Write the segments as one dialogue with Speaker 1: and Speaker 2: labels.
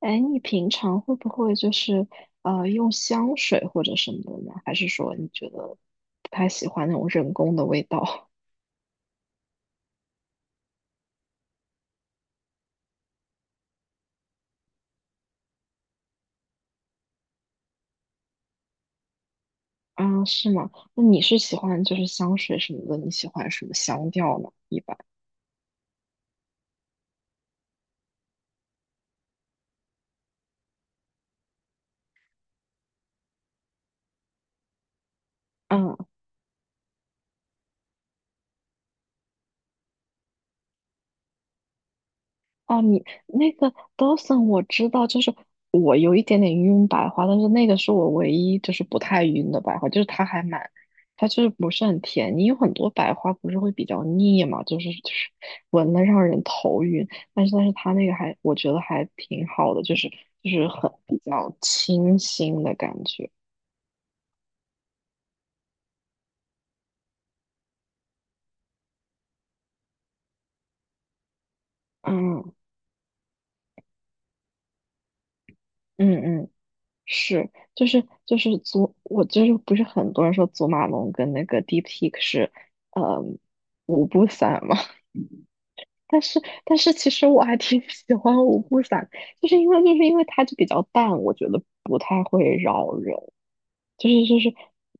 Speaker 1: 哎，你平常会不会用香水或者什么的呢？还是说你觉得不太喜欢那种人工的味道？啊，是吗？那你是喜欢就是香水什么的？你喜欢什么香调呢？一般，嗯。哦，你那个 Dawson 我知道，就是我有一点点晕白花，但是那个是我唯一就是不太晕的白花，就是它还蛮，它就是不是很甜。你有很多白花不是会比较腻嘛，就是闻了让人头晕，但是它那个还我觉得还挺好的，就是就是很比较清新的感觉。嗯嗯嗯。是，就是祖，我就是不是很多人说祖马龙跟那个 DeepSeek 是，呃，五步散嘛。但是但是其实我还挺喜欢五步散，就是因为它就比较淡，我觉得不太会扰人。就是就是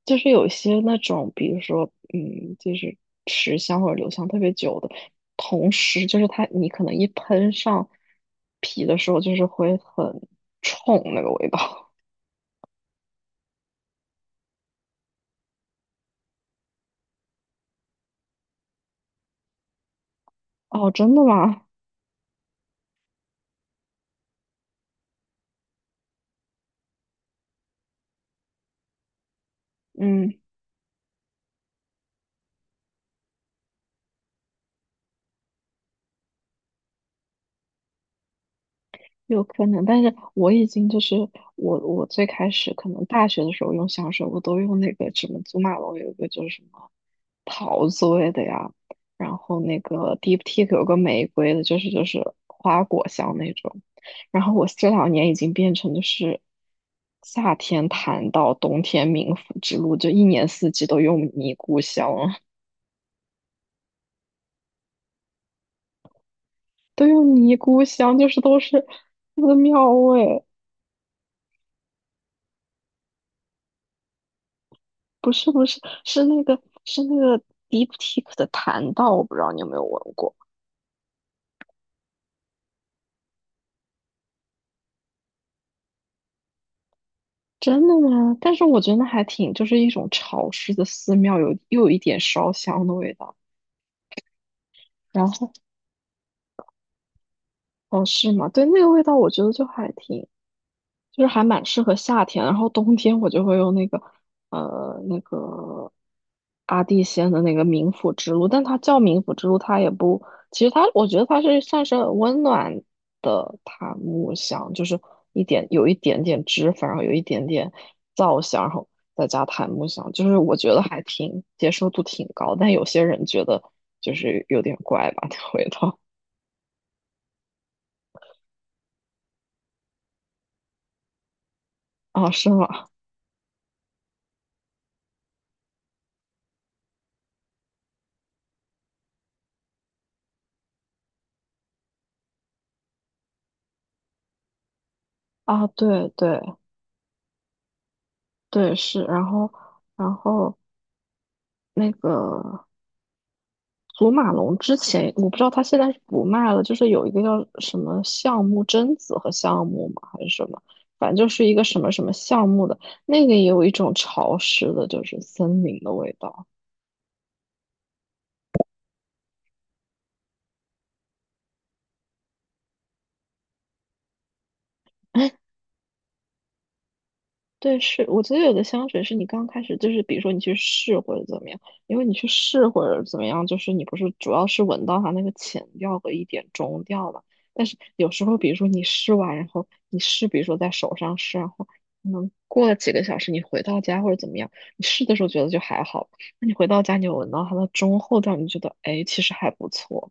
Speaker 1: 就是有些那种，比如说嗯，就是持香或者留香特别久的，同时就是它你可能一喷上皮的时候，就是会很冲那个味道。哦，真的吗？嗯，有可能，但是我已经就是我最开始可能大学的时候用香水，我都用那个什么祖马龙有一个就是什么桃子味的呀，然后那个 Deep Teak 有个玫瑰的，就是花果香那种。然后我这两年已经变成就是夏天谈到冬天冥府之路，就一年四季都用尼姑香了，都用尼姑香，就是都是寺庙味。不是不是，是那个 Deep t i k 的檀道，我不知道你有没有闻过。真的吗？但是我觉得还挺，就是一种潮湿的寺庙，有又有一点烧香的味道。然后，哦，是吗？对，那个味道我觉得就还挺，就是还蛮适合夏天，然后冬天我就会用那个那个阿蒂仙的那个冥府之路，但它叫冥府之路，它也不，其实它我觉得它是算是温暖的檀木香，就是一点有一点点脂粉，然后有一点点皂香，然后再加檀木香，就是我觉得还挺接受度挺高，但有些人觉得就是有点怪吧，那味道。啊，是吗？对对对，是，然后。然后那个祖马龙之前，我不知道他现在是不卖了，就是有一个叫什么橡木榛子和橡木嘛，还是什么，反正就是一个什么什么橡木的，那个也有一种潮湿的，就是森林的味道。对，是，我觉得有的香水是你刚开始就是，比如说你去试或者怎么样，因为你去试或者怎么样，就是你不是主要是闻到它那个前调和一点中调嘛。但是有时候，比如说你试完，然后你试，比如说在手上试，然后可能过了几个小时，你回到家或者怎么样，你试的时候觉得就还好，那你回到家你有闻到它的中后调，你就觉得哎，其实还不错。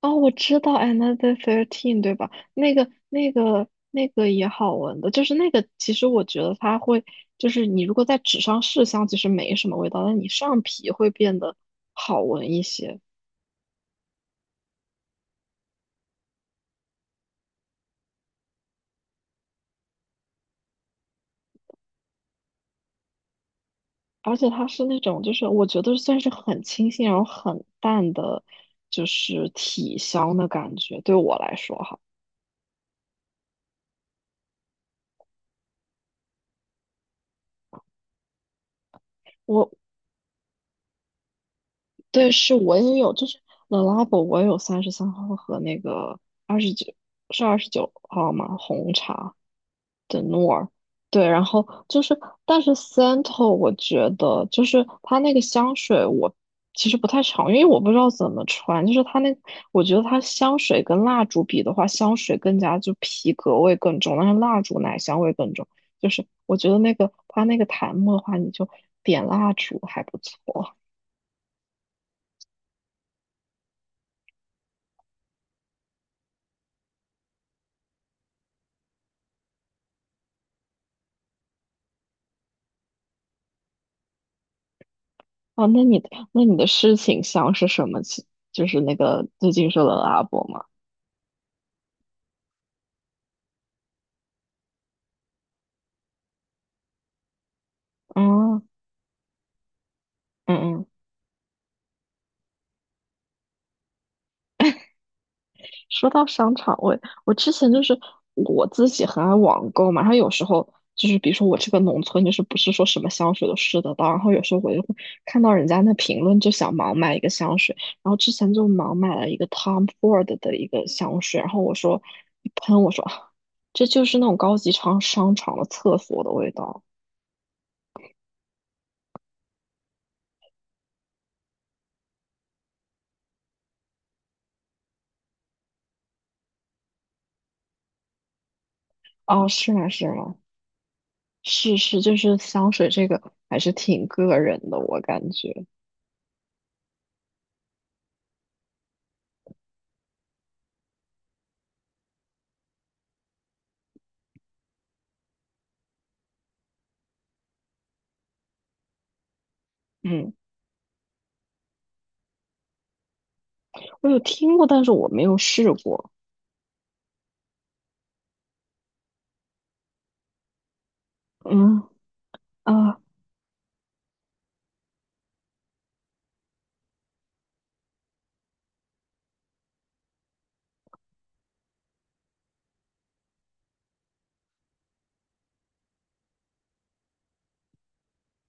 Speaker 1: 哦，我知道《Another Thirteen》，对吧？那个也好闻的，就是那个。其实我觉得它会，就是你如果在纸上试香，其实没什么味道，但你上皮会变得好闻一些。而且它是那种，就是我觉得算是很清新，然后很淡的，就是体香的感觉。对我来说，哈，我。对，是我也有，就是 t h e Labo，我也有33号和那个二十九，是29号吗？红茶。的诺尔，对，然后就是，但是 Santal 我觉得就是它那个香水我其实不太常用，因为我不知道怎么穿，就是它那，我觉得它香水跟蜡烛比的话，香水更加就皮革味更重，但是蜡烛奶香味更重，就是我觉得那个它那个檀木的话，你就点蜡烛还不错。啊。那你那你的事情香是什么情就是那个最近说的阿伯吗？嗯嗯嗯。说到商场味，我我之前就是我自己很爱网购嘛，然后有时候就是比如说我这个农村，就是不是说什么香水都试得到，然后有时候我就会看到人家那评论，就想盲买一个香水，然后之前就盲买了一个 Tom Ford 的一个香水，然后我说一喷，我说啊 这就是那种高级商场的厕所的味道。哦，是吗？是吗？是是，就是香水这个还是挺个人的，我感觉。嗯，我有听过，但是我没有试过。嗯。啊。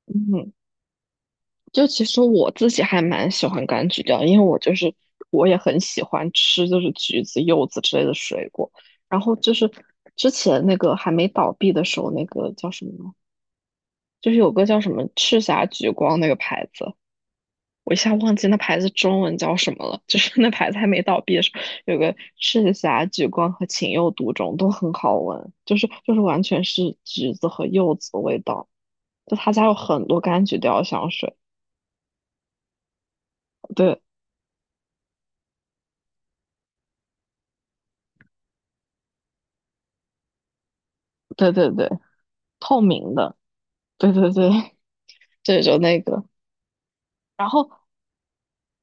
Speaker 1: 嗯，就其实我自己还蛮喜欢柑橘调，因为我就是我也很喜欢吃就是橘子、柚子之类的水果。然后就是之前那个还没倒闭的时候，那个叫什么呢，就是有个叫什么赤霞橘光那个牌子，我一下忘记那牌子中文叫什么了。就是那牌子还没倒闭的时候，有个赤霞橘光和情有独钟都很好闻，就是完全是橘子和柚子的味道。就他家有很多柑橘调香水。对对对对，透明的，对对对，对就那个，然后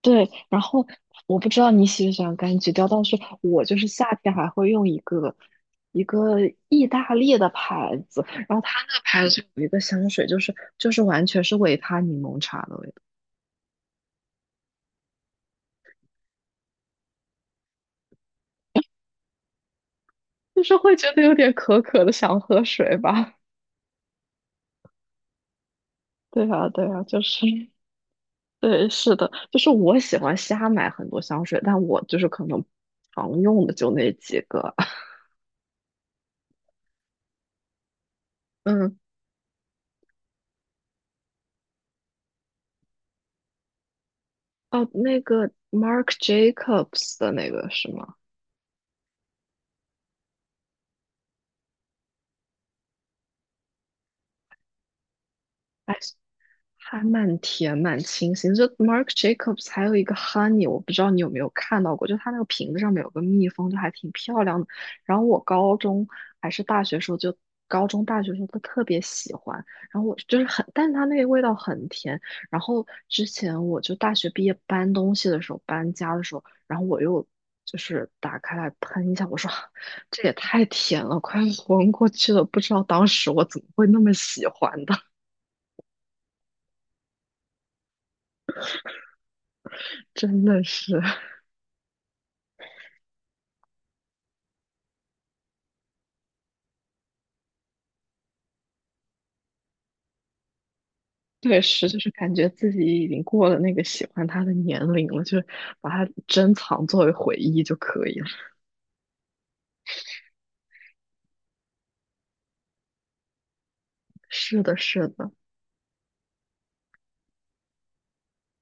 Speaker 1: 对，然后我不知道你喜不喜欢柑橘调，但是我就是夏天还会用一个意大利的牌子，然后它那个牌子有一个香水，就是完全是维他柠檬茶的味道，就是会觉得有点渴渴的，想喝水吧。对啊，对啊，就是，对，是的，就是我喜欢瞎买很多香水，但我就是可能常用的就那几个。嗯，哦，那个 Mark Jacobs 的那个是吗？还还蛮甜，蛮清新。就 Marc Jacobs 还有一个 Honey，我不知道你有没有看到过，就它那个瓶子上面有个蜜蜂，就还挺漂亮的。然后我高中还是大学时候就。高中、大学时候都特别喜欢，然后我就是很，但是它那个味道很甜。然后之前我就大学毕业搬东西的时候，搬家的时候，然后我又就是打开来喷一下，我说 这也太甜了，快昏过去了。不知道当时我怎么会那么喜欢的，真的是。对，是，就是感觉自己已经过了那个喜欢他的年龄了，就把它珍藏作为回忆就可以了。是的，是的，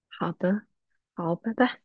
Speaker 1: 好的，好，拜拜。